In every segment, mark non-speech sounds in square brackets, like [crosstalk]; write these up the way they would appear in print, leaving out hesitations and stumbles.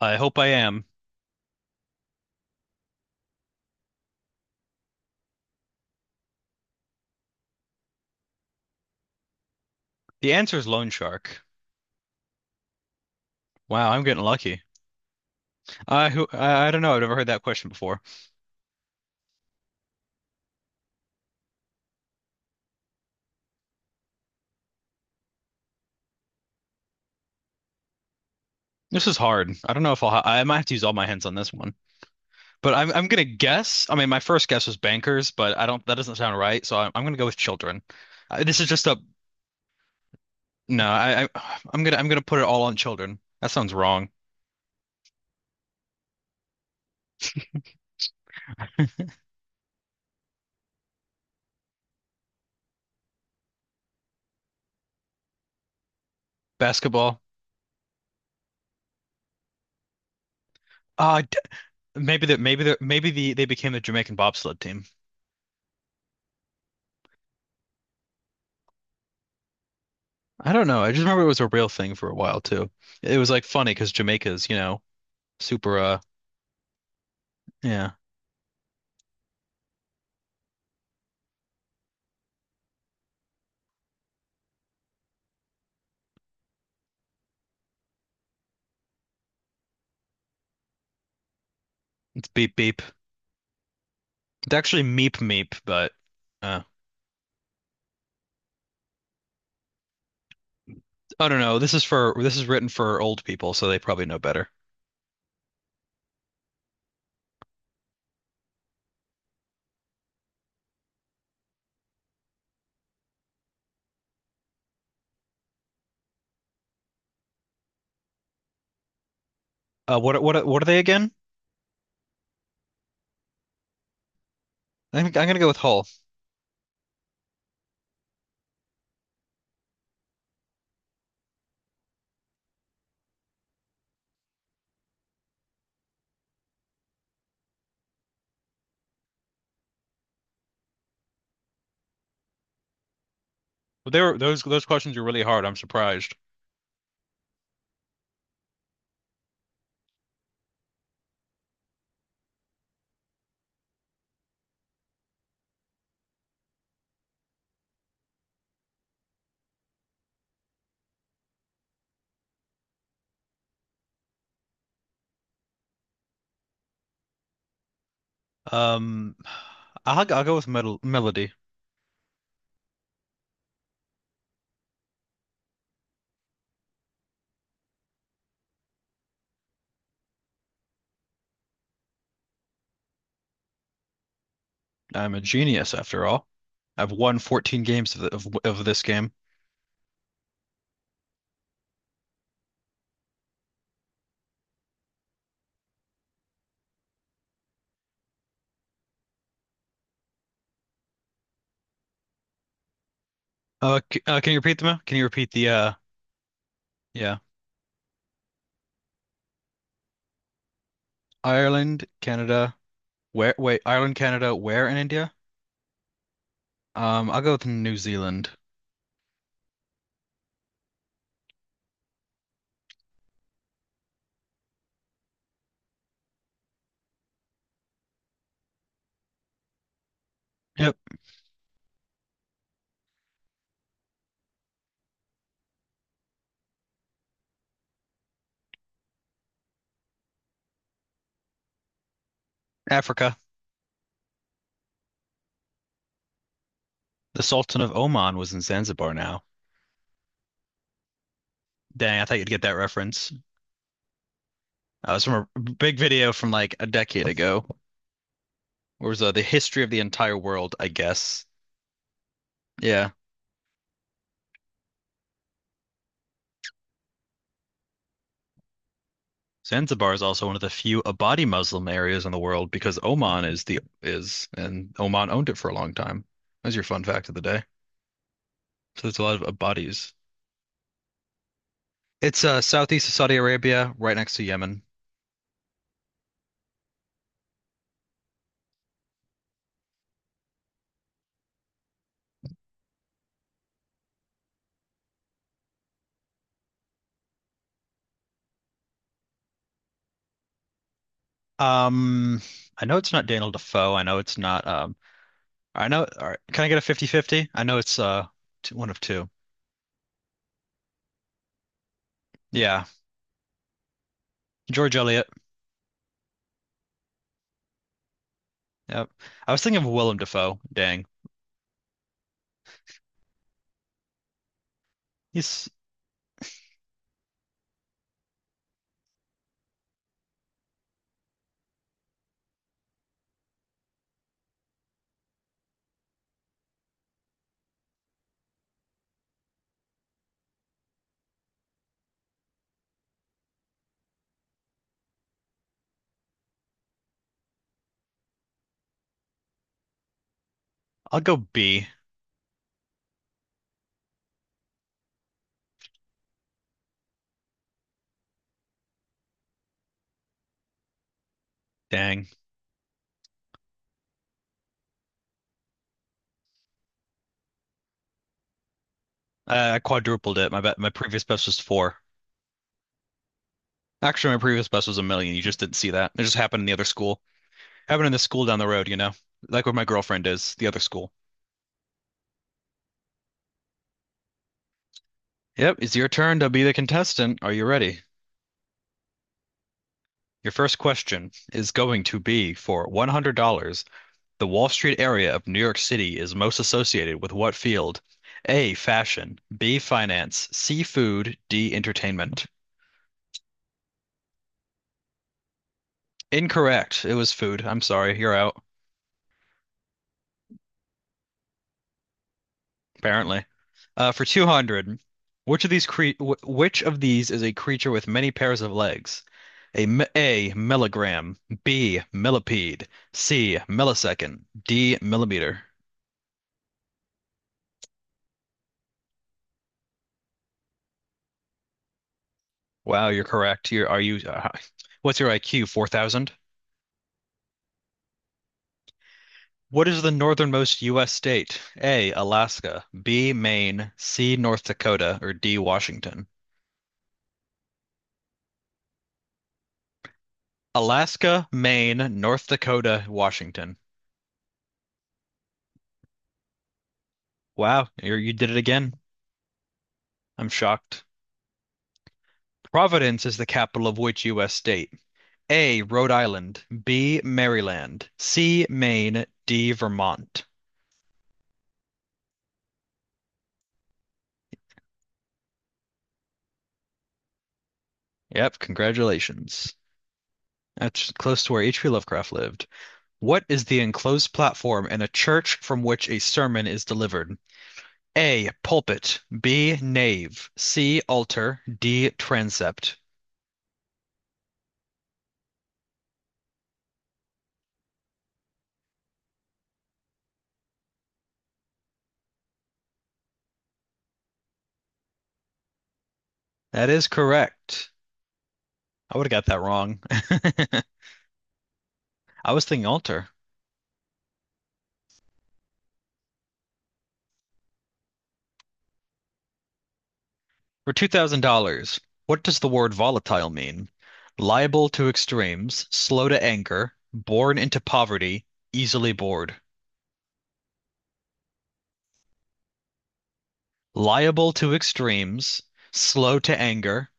I hope I am. The answer is loan shark. Wow, I'm getting lucky. I don't know. I've never heard that question before. This is hard. I don't know if I'll ha I might have to use all my hands on this one. But I'm gonna guess. I mean, my first guess was bankers, but I don't. That doesn't sound right. So I'm gonna go with children. This is just a no. I I'm gonna put it all on children. That sounds wrong. Basketball. Uh, d- Maybe that maybe that maybe the they became the Jamaican bobsled team. I don't know. I just remember it was a real thing for a while too. It was like funny because Jamaica's, you know, super yeah, it's beep beep. It's actually meep meep, but uh, I don't know. This is written for old people, so they probably know better. What are they again? I think I'm gonna go with Hull. They were those questions are really hard. I'm surprised. Um, I'll go with Melody. I'm a genius after all. I've won 14 games of of this game. C can you repeat them? Can you repeat the yeah. Ireland, Canada, where Ireland, Canada, where in India? I'll go with New Zealand. Yep, Africa. The Sultan of Oman was in Zanzibar now. Dang, I thought you'd get that reference. It's from a big video from like a decade ago. Where was the history of the entire world, I guess. Yeah. Zanzibar is also one of the few Abadi Muslim areas in the world because Oman is the is and Oman owned it for a long time. That's your fun fact of the day. So there's a lot of Abadis. It's southeast of Saudi Arabia, right next to Yemen. Um, I know it's not Daniel Defoe. I know it's not. I know. All right, can I get a fifty-fifty? I know it's two, one of two. Yeah, George Eliot. Yep. I was thinking of Willem Dafoe. Dang. He's. I'll go B. Dang. I quadrupled it. My bet. My previous best was four. Actually, my previous best was a million. You just didn't see that. It just happened in the other school. Happened in the school down the road. You know, like where my girlfriend is. The other school. Yep. It's your turn to be the contestant. Are you ready? Your first question is going to be for $100. The Wall Street area of New York City is most associated with what field? A, fashion, B, finance, C, food, D, entertainment. Incorrect. It was food. I'm sorry. You're out, apparently. For 200, which of these is a creature with many pairs of legs? A, milligram, B, millipede, C, millisecond, D, millimeter. Wow, you're correct. What's your IQ? 4,000? What is the northernmost U.S. state? A, Alaska, B, Maine, C, North Dakota, or D, Washington? Alaska, Maine, North Dakota, Washington. Wow, you did it again. I'm shocked. Providence is the capital of which U.S. state? A, Rhode Island, B, Maryland, C, Maine, D, Vermont. Yep, congratulations. That's close to where H.P. Lovecraft lived. What is the enclosed platform in a church from which a sermon is delivered? A, pulpit. B, nave. C, altar. D, transept. That is correct. I would have got that wrong. [laughs] I was thinking altar. For $2,000, what does the word volatile mean? Liable to extremes, slow to anger, born into poverty, easily bored. Liable to extremes, slow to anger,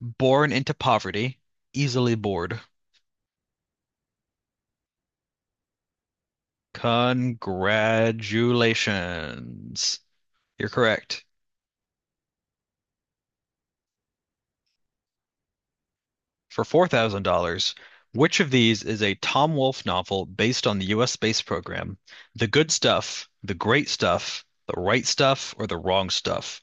born into poverty, easily bored. Congratulations. You're correct. For $4,000, which of these is a Tom Wolfe novel based on the US space program? The Good Stuff, The Great Stuff, The Right Stuff, or The Wrong Stuff?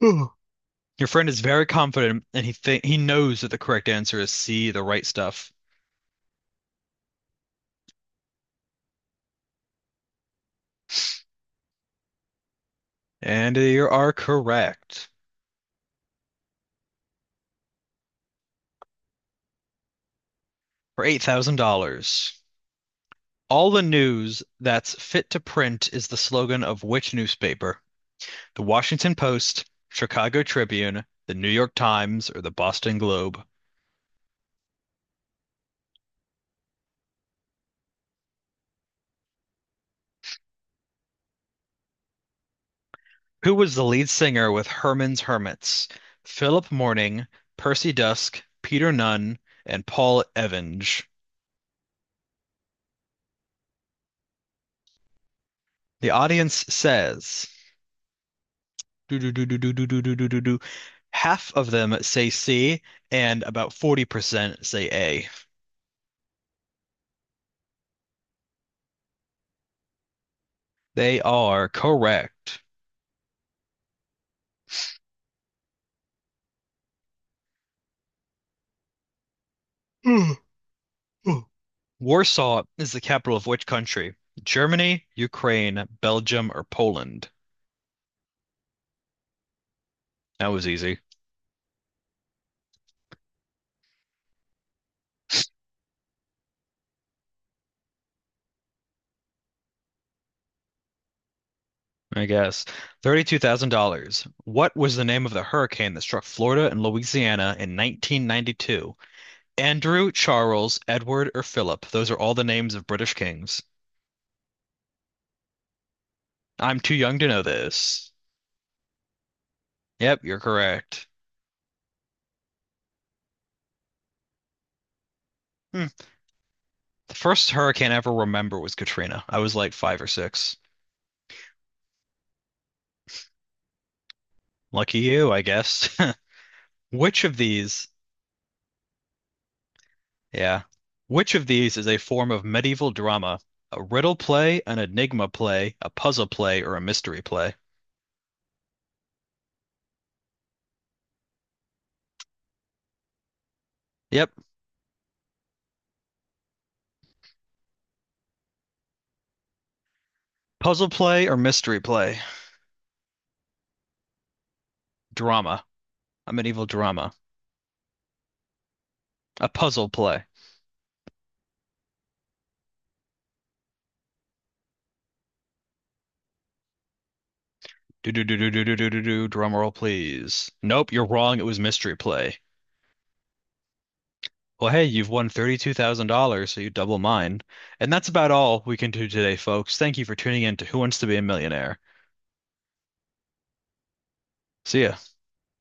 Ugh. Your friend is very confident and he knows that the correct answer is C, the right stuff. And you are correct for $8,000. All the news that's fit to print is the slogan of which newspaper? The Washington Post, Chicago Tribune, the New York Times, or the Boston Globe. Who was the lead singer with Herman's Hermits? Philip Morning, Percy Dusk, Peter Nunn, and Paul Evans. The audience says do do do do do do do do do do. Half of them say C, and about 40% say A. They are correct. [clears throat] Warsaw is the capital of which country? Germany, Ukraine, Belgium, or Poland? That was easy, I guess. $32,000. What was the name of the hurricane that struck Florida and Louisiana in 1992? Andrew, Charles, Edward, or Philip? Those are all the names of British kings. I'm too young to know this. Yep, you're correct. Hmm. The first hurricane I ever remember was Katrina. I was like five or six. Lucky you, I guess. [laughs] Which of these, yeah, which of these is a form of medieval drama? A riddle play, an enigma play, a puzzle play, or a mystery play? Yep. Puzzle play or mystery play? Drama. A medieval drama. A puzzle play. Do do do do do do do do do. Drum roll, please. Nope, you're wrong. It was mystery play. Well, hey, you've won $32,000, so you double mine. And that's about all we can do today, folks. Thank you for tuning in to Who Wants to Be a Millionaire. See ya.